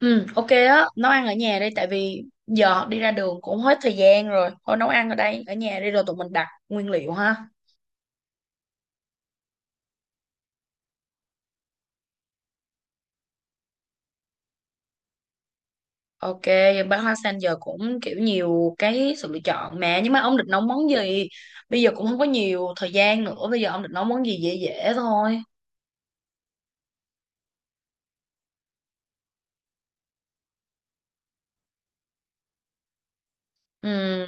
Ừ, ok đó, nấu ăn ở nhà đi tại vì giờ đi ra đường cũng hết thời gian rồi. Thôi nấu ăn ở đây, ở nhà đi rồi tụi mình đặt nguyên liệu ha. Ok, bán hoa sen giờ cũng kiểu nhiều cái sự lựa chọn mà, nhưng mà ông định nấu món gì? Bây giờ cũng không có nhiều thời gian nữa, bây giờ ông định nấu món gì dễ dễ thôi. Ừ,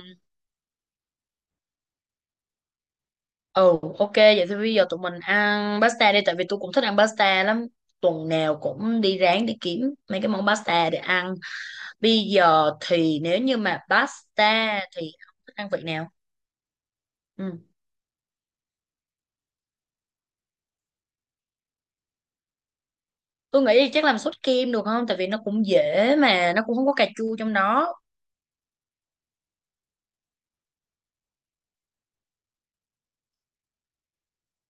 ừ, ok, vậy thì bây giờ tụi mình ăn pasta đi tại vì tôi cũng thích ăn pasta lắm. Tuần nào cũng đi ráng đi kiếm mấy cái món pasta để ăn. Bây giờ thì nếu như mà pasta thì không thích ăn vị nào. Ừ. Tôi nghĩ thì chắc làm sốt kem được không? Tại vì nó cũng dễ mà nó cũng không có cà chua trong đó.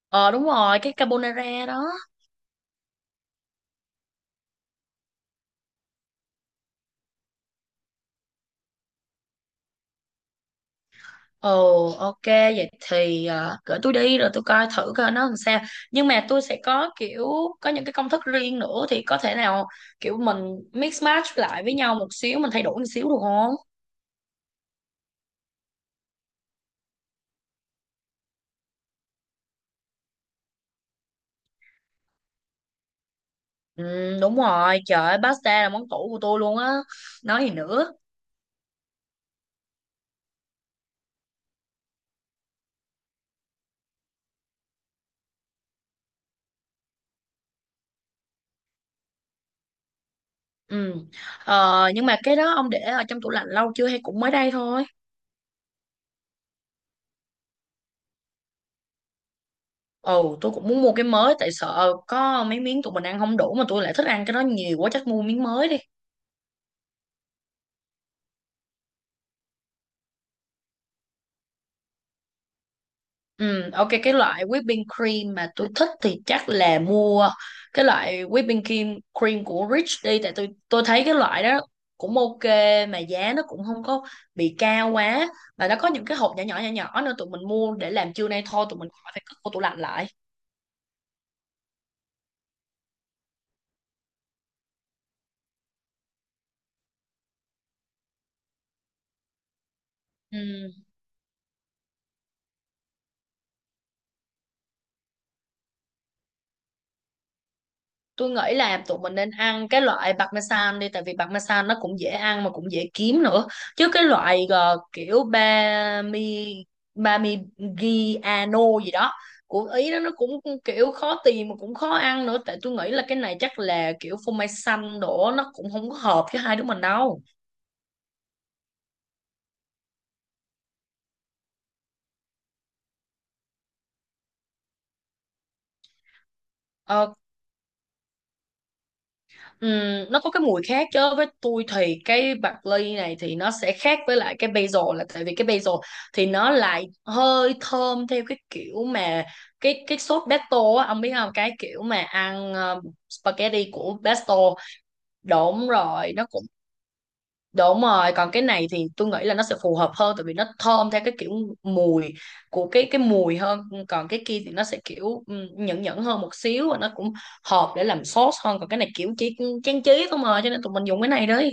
Ờ đúng rồi, cái carbonara đó. Ồ ok, vậy thì gửi tôi đi rồi tôi coi thử coi nó làm sao. Nhưng mà tôi sẽ có kiểu có những cái công thức riêng nữa, thì có thể nào kiểu mình mix match lại với nhau một xíu, mình thay đổi một xíu được không? Ừ đúng rồi, trời ơi, pasta là món tủ của tôi luôn á. Nói gì nữa. Ừ. Ờ, nhưng mà cái đó ông để ở trong tủ lạnh lâu chưa hay cũng mới đây thôi? Ồ, tôi cũng muốn mua cái mới tại sợ có mấy miếng tụi mình ăn không đủ mà tôi lại thích ăn cái đó nhiều quá, chắc mua miếng mới đi. Ừ, ok, cái loại whipping cream mà tôi thích thì chắc là mua cái loại whipping cream cream của Rich đi, tại tôi thấy cái loại đó cũng ok mà giá nó cũng không có bị cao quá, và nó có những cái hộp nhỏ nhỏ nhỏ nhỏ nữa, tụi mình mua để làm trưa nay thôi, tụi mình khỏi phải cất vô tủ lạnh lại. Ừ. Tôi nghĩ là tụi mình nên ăn cái loại parmesan đi, tại vì parmesan nó cũng dễ ăn mà cũng dễ kiếm nữa, chứ cái loại kiểu bami parmigiano gì đó của Ý đó nó cũng kiểu khó tìm mà cũng khó ăn nữa. Tại tôi nghĩ là cái này chắc là kiểu phô mai xanh đổ, nó cũng không có hợp với hai đứa mình đâu. Ờ, ừm, nó có cái mùi khác chứ. Với tôi thì cái bạc ly này thì nó sẽ khác với lại cái basil, là tại vì cái basil thì nó lại hơi thơm theo cái kiểu mà cái sốt pesto á, ông biết không, cái kiểu mà ăn spaghetti của pesto đúng rồi nó. Đúng rồi, còn cái này thì tôi nghĩ là nó sẽ phù hợp hơn tại vì nó thơm theo cái kiểu mùi của cái mùi hơn, còn cái kia thì nó sẽ kiểu ừ, nhẫn nhẫn hơn một xíu và nó cũng hợp để làm sốt hơn, còn cái này kiểu chỉ trang trí không, mà cho nên tụi mình dùng cái này đi.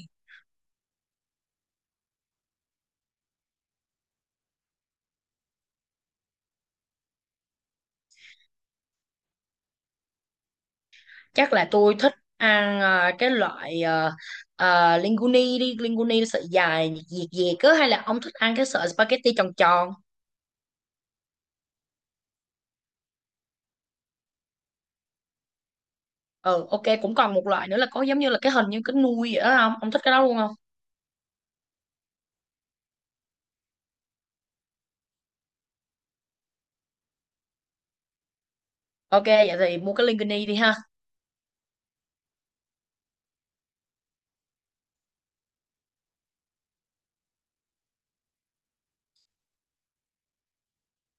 Chắc là tôi thích ăn cái loại linguine đi, linguine sợi dài dẹt dẹt á, hay là ông thích ăn cái sợi spaghetti tròn tròn. Ừ, ok, cũng còn một loại nữa là có giống như là cái, hình như cái nuôi vậy đó không? Ông thích cái đó luôn không? Ok, vậy thì mua cái linguini đi ha.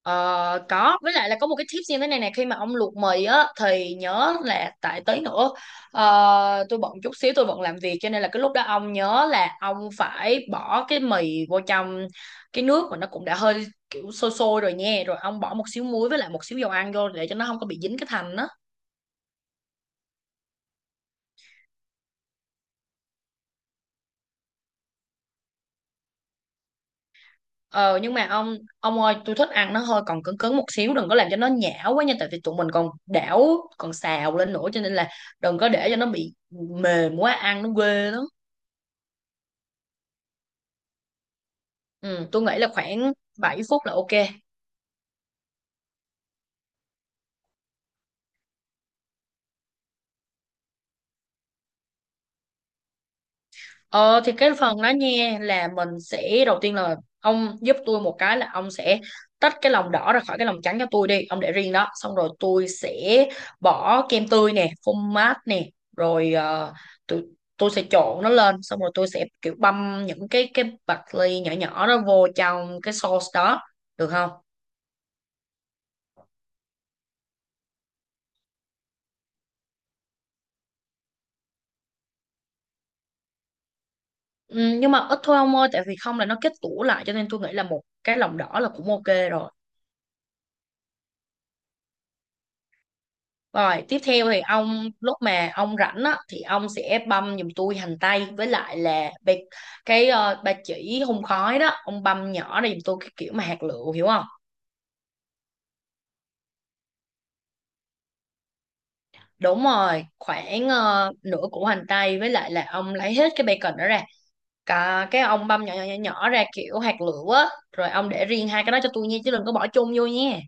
Ờ, có, với lại là có một cái tips như thế này nè, khi mà ông luộc mì á thì nhớ là tại tới nữa tôi bận chút xíu, tôi bận làm việc, cho nên là cái lúc đó ông nhớ là ông phải bỏ cái mì vô trong cái nước mà nó cũng đã hơi kiểu sôi sôi rồi nha, rồi ông bỏ một xíu muối với lại một xíu dầu ăn vô để cho nó không có bị dính cái thành đó. Ờ nhưng mà ông ơi, tôi thích ăn nó hơi còn cứng cứng một xíu, đừng có làm cho nó nhão quá nha, tại vì tụi mình còn đảo còn xào lên nữa, cho nên là đừng có để cho nó bị mềm quá, ăn nó ghê lắm. Ừ, tôi nghĩ là khoảng 7 phút là ok. Ờ, thì cái phần đó nha là mình sẽ đầu tiên là ông giúp tôi một cái là ông sẽ tách cái lòng đỏ ra khỏi cái lòng trắng cho tôi đi, ông để riêng đó. Xong rồi tôi sẽ bỏ kem tươi nè, phô mát nè, rồi tôi tôi sẽ trộn nó lên, xong rồi tôi sẽ kiểu băm những cái bạch ly nhỏ nhỏ đó vô trong cái sauce đó, được không? Ừ, nhưng mà ít thôi ông ơi, tại vì không là nó kết tủa lại, cho nên tôi nghĩ là một cái lòng đỏ là cũng ok rồi. Rồi, tiếp theo thì ông lúc mà ông rảnh á thì ông sẽ băm giùm tôi hành tây với lại là bạc, ba chỉ hun khói đó, ông băm nhỏ ra giùm tôi cái kiểu mà hạt lựu, hiểu không? Đúng rồi, khoảng nửa củ hành tây với lại là ông lấy hết cái bacon đó ra. Cả cái ông băm nhỏ nhỏ nhỏ nhỏ ra kiểu hạt lựu á, rồi ông để riêng hai cái đó cho tôi nha, chứ đừng có bỏ chung vô nha.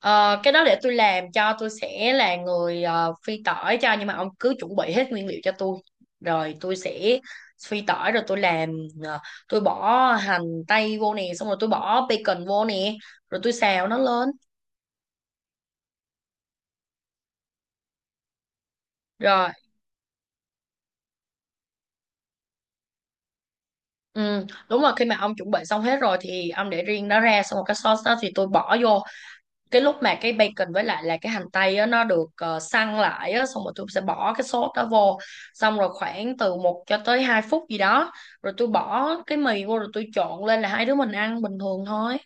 Ờ, cái đó để tôi làm, cho tôi sẽ là người phi tỏi cho, nhưng mà ông cứ chuẩn bị hết nguyên liệu cho tôi rồi tôi sẽ phi tỏi rồi tôi làm ờ, tôi bỏ hành tây vô nè, xong rồi tôi bỏ bacon vô nè, rồi tôi xào nó lên rồi. Ừ, đúng rồi, khi mà ông chuẩn bị xong hết rồi thì ông để riêng nó ra, xong rồi cái sauce đó thì tôi bỏ vô cái lúc mà cái bacon với lại là cái hành tây á, nó được săn lại á, xong rồi tôi sẽ bỏ cái sốt đó vô, xong rồi khoảng từ một cho tới 2 phút gì đó, rồi tôi bỏ cái mì vô rồi tôi trộn lên là hai đứa mình ăn bình thường thôi.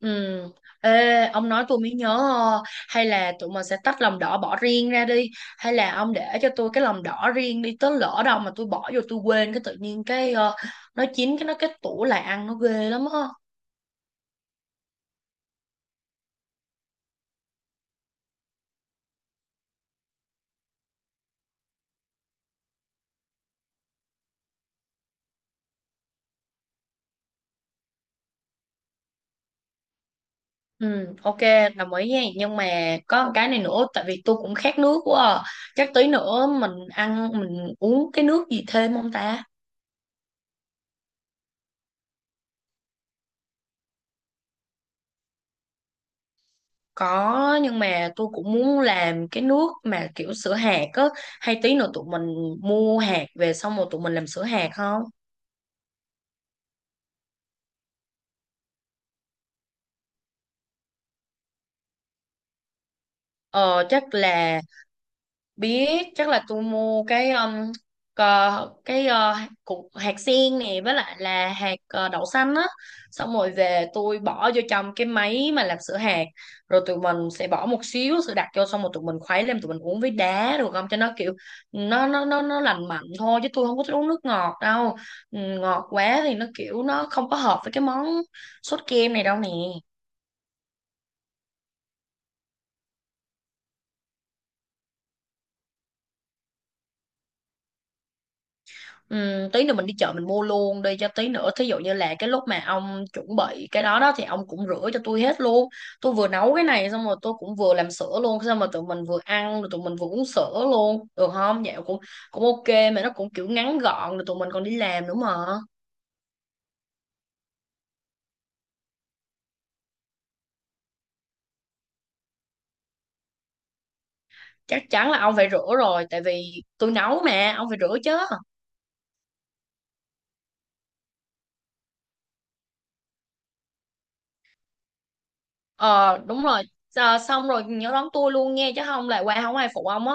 Ừ. Ê, ông nói tôi mới nhớ, hay là tụi mình sẽ tách lòng đỏ bỏ riêng ra đi, hay là ông để cho tôi cái lòng đỏ riêng đi, tới lỡ đâu mà tôi bỏ vô tôi quên, cái tự nhiên cái nó chín cái nó kết tủ lại, ăn nó ghê lắm á. Ừ, ok, đồng ý nha. Nhưng mà có một cái này nữa, tại vì tôi cũng khát nước quá à. Chắc tí nữa mình ăn, mình uống cái nước gì thêm không ta? Có, nhưng mà tôi cũng muốn làm cái nước mà kiểu sữa hạt á. Hay tí nữa tụi mình mua hạt về xong rồi tụi mình làm sữa hạt không? Ờ, chắc là biết, chắc là tôi mua cờ, cái cục hạt sen nè với lại là hạt đậu xanh á, xong rồi về tôi bỏ vô trong cái máy mà làm sữa hạt, rồi tụi mình sẽ bỏ một xíu sữa đặc vô, xong rồi tụi mình khuấy lên, tụi mình uống với đá được không, cho nó kiểu nó lành mạnh thôi, chứ tôi không có thích uống nước ngọt đâu. Ừ, ngọt quá thì nó kiểu nó không có hợp với cái món sốt kem này đâu nè. Ừ, tí nữa mình đi chợ mình mua luôn đi, cho tí nữa thí dụ như là cái lúc mà ông chuẩn bị cái đó đó thì ông cũng rửa cho tôi hết luôn. Tôi vừa nấu cái này xong rồi tôi cũng vừa làm sữa luôn, xong rồi tụi mình vừa ăn rồi tụi mình vừa uống sữa luôn được không, vậy cũng cũng ok mà. Nó cũng kiểu ngắn gọn, rồi tụi mình còn đi làm nữa mà. Chắc chắn là ông phải rửa rồi, tại vì tôi nấu mà ông phải rửa chứ. Ờ đúng rồi. Ờ, xong rồi nhớ đón tôi luôn nghe, chứ không là qua không ai phụ ông á.